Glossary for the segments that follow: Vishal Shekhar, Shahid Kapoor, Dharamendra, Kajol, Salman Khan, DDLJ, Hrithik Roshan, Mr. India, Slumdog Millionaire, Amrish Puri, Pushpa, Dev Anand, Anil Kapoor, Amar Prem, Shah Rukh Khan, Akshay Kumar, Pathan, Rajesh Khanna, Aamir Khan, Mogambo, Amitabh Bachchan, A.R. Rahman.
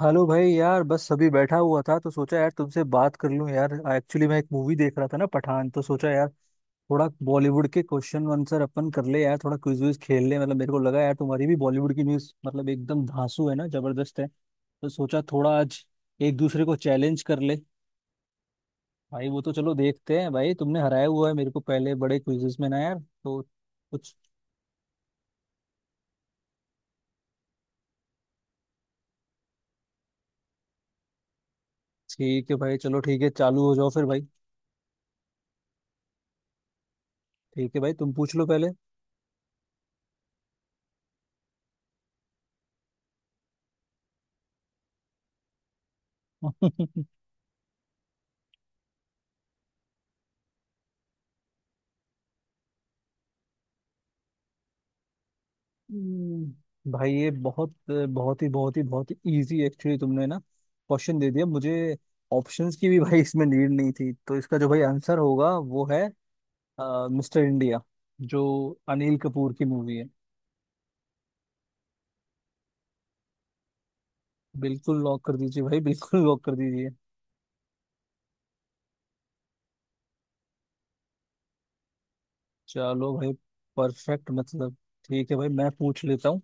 Hello भाई। यार बस अभी बैठा हुआ था तो सोचा यार तुमसे बात कर लूं। यार एक्चुअली मैं एक मूवी देख रहा था ना, पठान। तो सोचा यार थोड़ा बॉलीवुड के क्वेश्चन आंसर अपन कर ले, यार थोड़ा क्विज विज खेल ले। मतलब मेरे को लगा यार तुम्हारी भी बॉलीवुड की न्यूज मतलब एकदम धांसू है ना, जबरदस्त है। तो सोचा थोड़ा आज एक दूसरे को चैलेंज कर ले। भाई वो तो चलो देखते हैं। भाई तुमने हराया हुआ है मेरे को पहले बड़े क्विजेस में ना यार, तो कुछ। ठीक है भाई। चलो ठीक है, चालू हो जाओ फिर भाई। ठीक है भाई, तुम पूछ लो पहले। भाई ये बहुत बहुत ही बहुत ही बहुत ही इजी। एक्चुअली तुमने ना क्वेश्चन दे दिया मुझे, ऑप्शंस की भी भाई इसमें नीड नहीं थी। तो इसका जो भाई आंसर होगा वो है मिस्टर इंडिया, जो अनिल कपूर की मूवी है। बिल्कुल लॉक कर दीजिए भाई, बिल्कुल लॉक कर दीजिए। चलो भाई, परफेक्ट मतलब। ठीक है भाई, मैं पूछ लेता हूँ।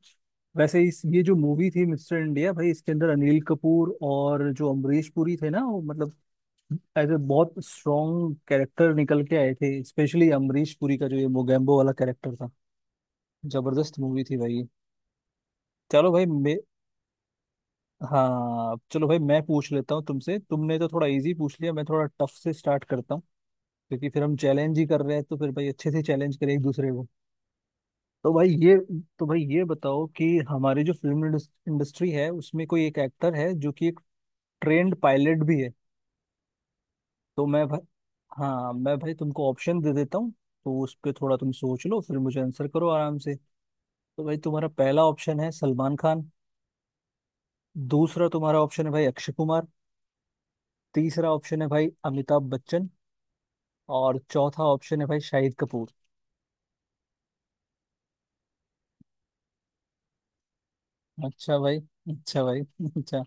वैसे इस ये जो मूवी थी मिस्टर इंडिया भाई, इसके अंदर अनिल कपूर और जो अमरीश पुरी थे ना, वो मतलब एज ए बहुत स्ट्रॉन्ग कैरेक्टर निकल के आए थे, स्पेशली अमरीश पुरी का जो ये मोगैम्बो वाला कैरेक्टर था। जबरदस्त मूवी थी भाई। चलो भाई मैं हाँ, चलो भाई मैं पूछ लेता हूँ तुमसे। तुमने तो थोड़ा इजी पूछ लिया, मैं थोड़ा टफ से स्टार्ट करता हूँ। क्योंकि फिर हम चैलेंज ही कर रहे हैं, तो फिर भाई अच्छे से चैलेंज करें एक दूसरे को। तो भाई ये तो भाई ये बताओ कि हमारी जो फिल्म इंडस्ट्री है उसमें कोई एक एक्टर है जो कि एक ट्रेंड पायलट भी है। तो मैं भाई हाँ मैं भाई तुमको ऑप्शन दे देता हूँ। तो उस पर थोड़ा तुम सोच लो, फिर मुझे आंसर करो आराम से। तो भाई तुम्हारा पहला ऑप्शन है सलमान खान। दूसरा तुम्हारा ऑप्शन है भाई अक्षय कुमार। तीसरा ऑप्शन है भाई अमिताभ बच्चन। और चौथा ऑप्शन है भाई शाहिद कपूर। अच्छा भाई, अच्छा भाई, अच्छा।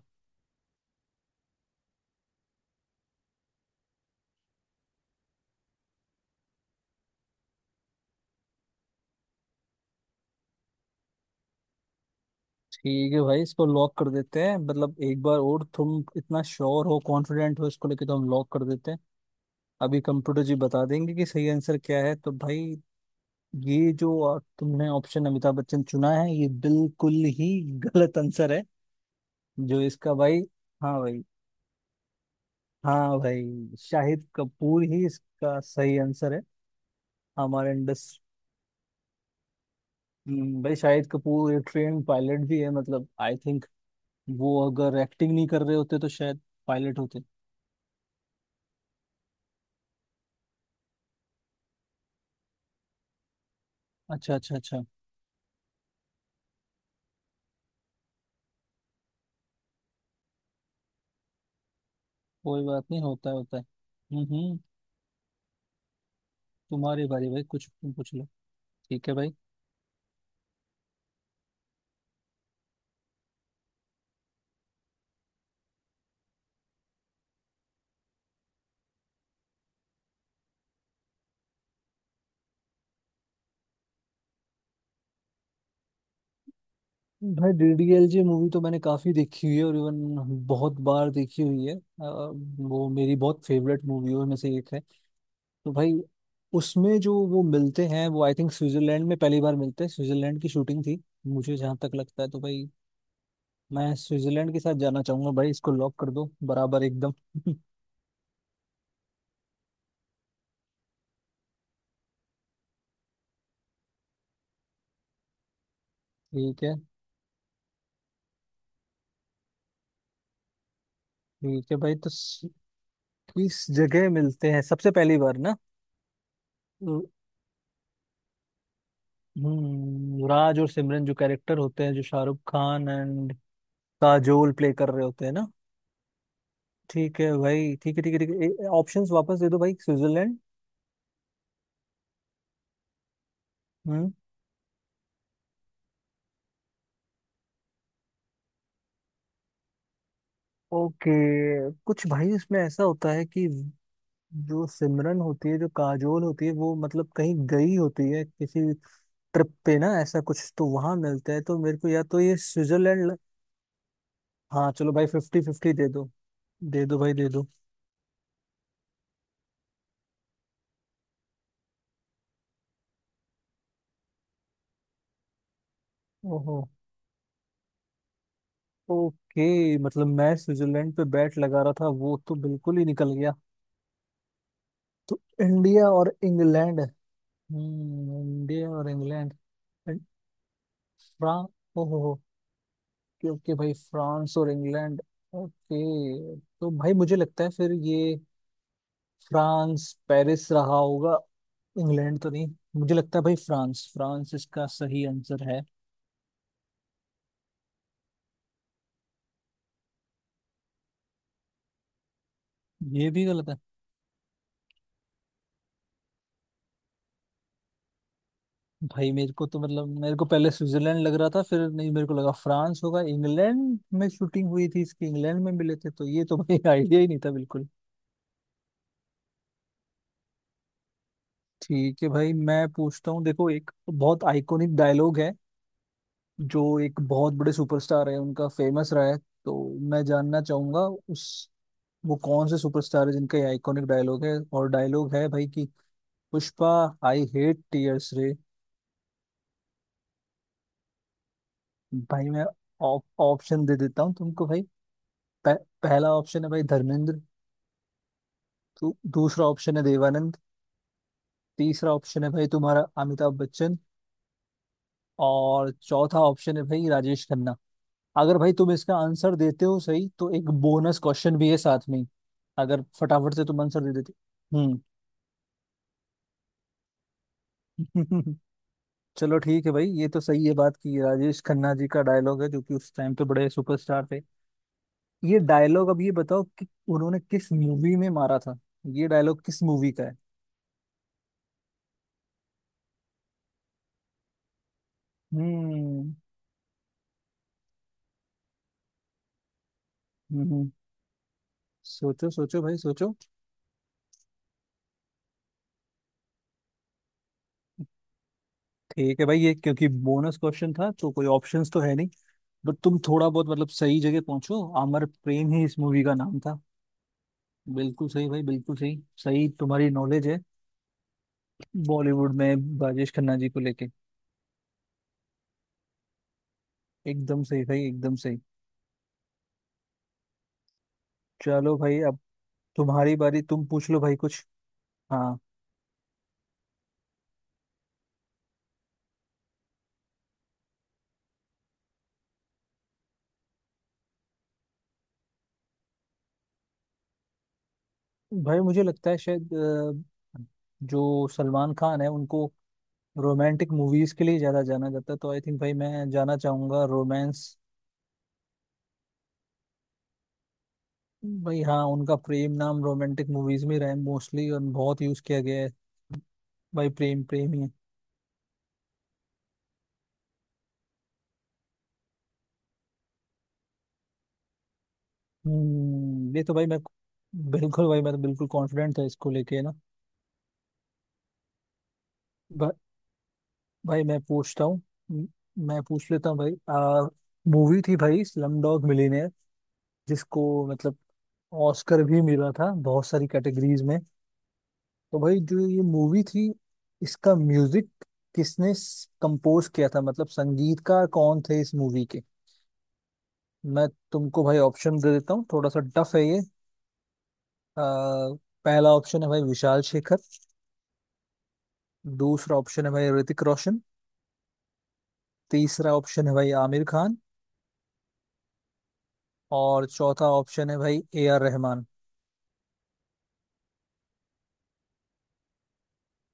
ठीक है भाई, इसको लॉक कर देते हैं। मतलब एक बार और तुम इतना श्योर हो, कॉन्फिडेंट हो इसको लेके, तो हम लॉक कर देते हैं। अभी कंप्यूटर जी बता देंगे कि सही आंसर क्या है। तो भाई, ये जो तुमने ऑप्शन अमिताभ बच्चन चुना है, ये बिल्कुल ही गलत आंसर है। जो इसका भाई, हाँ भाई, हाँ भाई शाहिद कपूर ही इसका सही आंसर है। हमारे इंडस्ट्री भाई, शाहिद कपूर एक ट्रेन पायलट भी है, मतलब आई थिंक वो अगर एक्टिंग नहीं कर रहे होते तो शायद पायलट होते। अच्छा, अच्छा, अच्छा। कोई बात नहीं, होता है, होता है। हम्म, हम्म। तुम्हारी बारी भाई, कुछ तुम पूछ लो। ठीक है भाई। भाई डीडीएलजे मूवी तो मैंने काफी देखी हुई है, और इवन बहुत बार देखी हुई है। वो मेरी बहुत फेवरेट मूवियों में से एक है। तो भाई उसमें जो वो मिलते हैं, वो आई थिंक स्विट्जरलैंड में पहली बार मिलते हैं, स्विट्जरलैंड की शूटिंग थी मुझे जहां तक लगता है। तो भाई मैं स्विट्जरलैंड के साथ जाना चाहूंगा भाई, इसको लॉक कर दो बराबर एकदम। ठीक है। ठीक है भाई, तो किस जगह मिलते हैं सबसे पहली बार ना। राज और सिमरन जो कैरेक्टर होते हैं, जो शाहरुख खान एंड काजोल प्ले कर रहे होते हैं ना। ठीक है भाई, ठीक है, ठीक है। ठीक है, ऑप्शंस वापस दे दो भाई, स्विट्जरलैंड। हम्म। ओके। कुछ भाई इसमें ऐसा होता है कि जो सिमरन होती है, जो काजोल होती है, वो मतलब कहीं गई होती है किसी ट्रिप पे ना, ऐसा कुछ। तो वहां मिलता है, तो मेरे को या तो ये स्विट्जरलैंड हाँ चलो भाई, फिफ्टी फिफ्टी दे दो। दे दो भाई, दे दो। ओहो। ओके, मतलब मैं स्विट्जरलैंड पे बैट लगा रहा था, वो तो बिल्कुल ही निकल गया। तो इंडिया और इंग्लैंड। इंडिया और इंग्लैंड। फ्रांस। ओहो हो। क्योंकि भाई फ्रांस और इंग्लैंड। ओके। तो भाई मुझे लगता है फिर ये फ्रांस, पेरिस रहा होगा। इंग्लैंड तो नहीं। मुझे लगता है भाई फ्रांस, फ्रांस इसका सही आंसर है। ये भी गलत है। भाई मेरे को तो मतलब मेरे को पहले स्विट्जरलैंड लग रहा था, फिर नहीं, मेरे को लगा फ्रांस होगा। इंग्लैंड में शूटिंग हुई थी इसकी, इंग्लैंड में मिले थे, तो ये तो भाई आइडिया ही नहीं था बिल्कुल। ठीक है भाई, मैं पूछता हूँ, देखो। एक बहुत आइकॉनिक डायलॉग है, जो एक बहुत बड़े सुपरस्टार है उनका फेमस रहा है। तो मैं जानना चाहूंगा उस वो कौन से सुपरस्टार है जिनका ये आइकॉनिक डायलॉग है। और डायलॉग है भाई कि, पुष्पा, आई हेट टीयर्स रे। भाई मैं ऑप्शन दे देता हूँ तुमको भाई। पह, पहला ऑप्शन है भाई धर्मेंद्र। तो दूसरा ऑप्शन है देवानंद। तीसरा ऑप्शन है भाई तुम्हारा अमिताभ बच्चन। और चौथा ऑप्शन है भाई राजेश खन्ना। अगर भाई तुम इसका आंसर देते हो सही, तो एक बोनस क्वेश्चन भी है साथ में। अगर फटाफट से तुम आंसर दे देते। हम्म। चलो ठीक है भाई, ये तो सही है बात की, राजेश खन्ना जी का डायलॉग है, जो कि उस टाइम पे बड़े सुपरस्टार थे। ये डायलॉग, अब ये बताओ कि उन्होंने किस मूवी में मारा था, ये डायलॉग किस मूवी का है। हम्म। हम्म, सोचो, सोचो भाई, सोचो। ठीक है भाई, ये क्योंकि बोनस क्वेश्चन था तो कोई ऑप्शंस तो है नहीं, बट तुम थोड़ा बहुत मतलब सही जगह पहुंचो। अमर प्रेम ही इस मूवी का नाम था। बिल्कुल सही भाई, बिल्कुल सही। सही तुम्हारी नॉलेज है बॉलीवुड में राजेश खन्ना जी को लेके। एकदम सही भाई, एकदम सही। चलो भाई, अब तुम्हारी बारी, तुम पूछ लो भाई कुछ। हाँ। भाई मुझे लगता है शायद जो सलमान खान है उनको रोमांटिक मूवीज के लिए ज्यादा जाना जाता है। तो आई थिंक भाई मैं जाना चाहूंगा रोमांस। भाई हाँ, उनका प्रेम नाम रोमांटिक मूवीज में रहा है मोस्टली, और बहुत यूज किया गया है। भाई प्रेम, प्रेम ही है। ये तो भाई मैं, बिल्कुल भाई, मैं तो बिल्कुल कॉन्फिडेंट था इसको लेके ना। भा, भाई मैं पूछता हूँ। म- मैं पूछ लेता हूँ भाई। आ मूवी थी भाई स्लम डॉग मिलियनेयर, जिसको मतलब ऑस्कर भी मिला था बहुत सारी कैटेगरीज में। तो भाई जो ये मूवी थी, इसका म्यूजिक किसने कंपोज किया था, मतलब संगीतकार कौन थे इस मूवी के। मैं तुमको भाई ऑप्शन दे देता हूँ, थोड़ा सा टफ है ये। आ, पहला ऑप्शन है भाई विशाल शेखर। दूसरा ऑप्शन है भाई ऋतिक रोशन। तीसरा ऑप्शन है भाई आमिर खान। और चौथा ऑप्शन है भाई ए आर रहमान।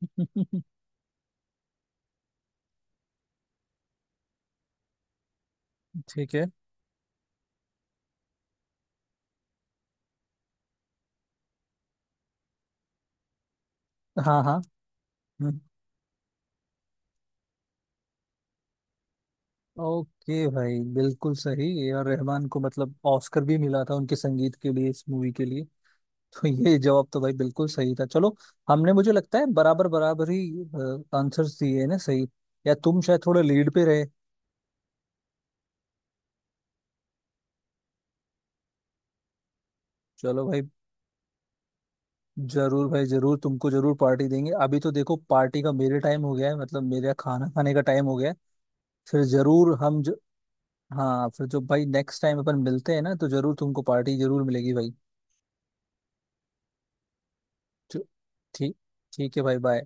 ठीक है। हाँ, हाँ। हम्म, ओके भाई, बिल्कुल सही। ए आर रहमान को मतलब ऑस्कर भी मिला था उनके संगीत के लिए, इस मूवी के लिए। तो ये जवाब तो भाई बिल्कुल सही था, चलो। हमने, मुझे लगता है बराबर बराबर ही आंसर्स दिए हैं ना सही, या तुम शायद थोड़े लीड पे रहे। चलो भाई। जरूर भाई जरूर, तुमको जरूर पार्टी देंगे। अभी तो देखो पार्टी का, मेरे टाइम हो गया है, मतलब मेरा खाना खाने का टाइम हो गया है। फिर जरूर हम ज, हाँ, फिर जो भाई नेक्स्ट टाइम अपन मिलते हैं ना, तो जरूर तुमको पार्टी जरूर मिलेगी भाई। चलो, ठीक, ठीक है भाई, बाय।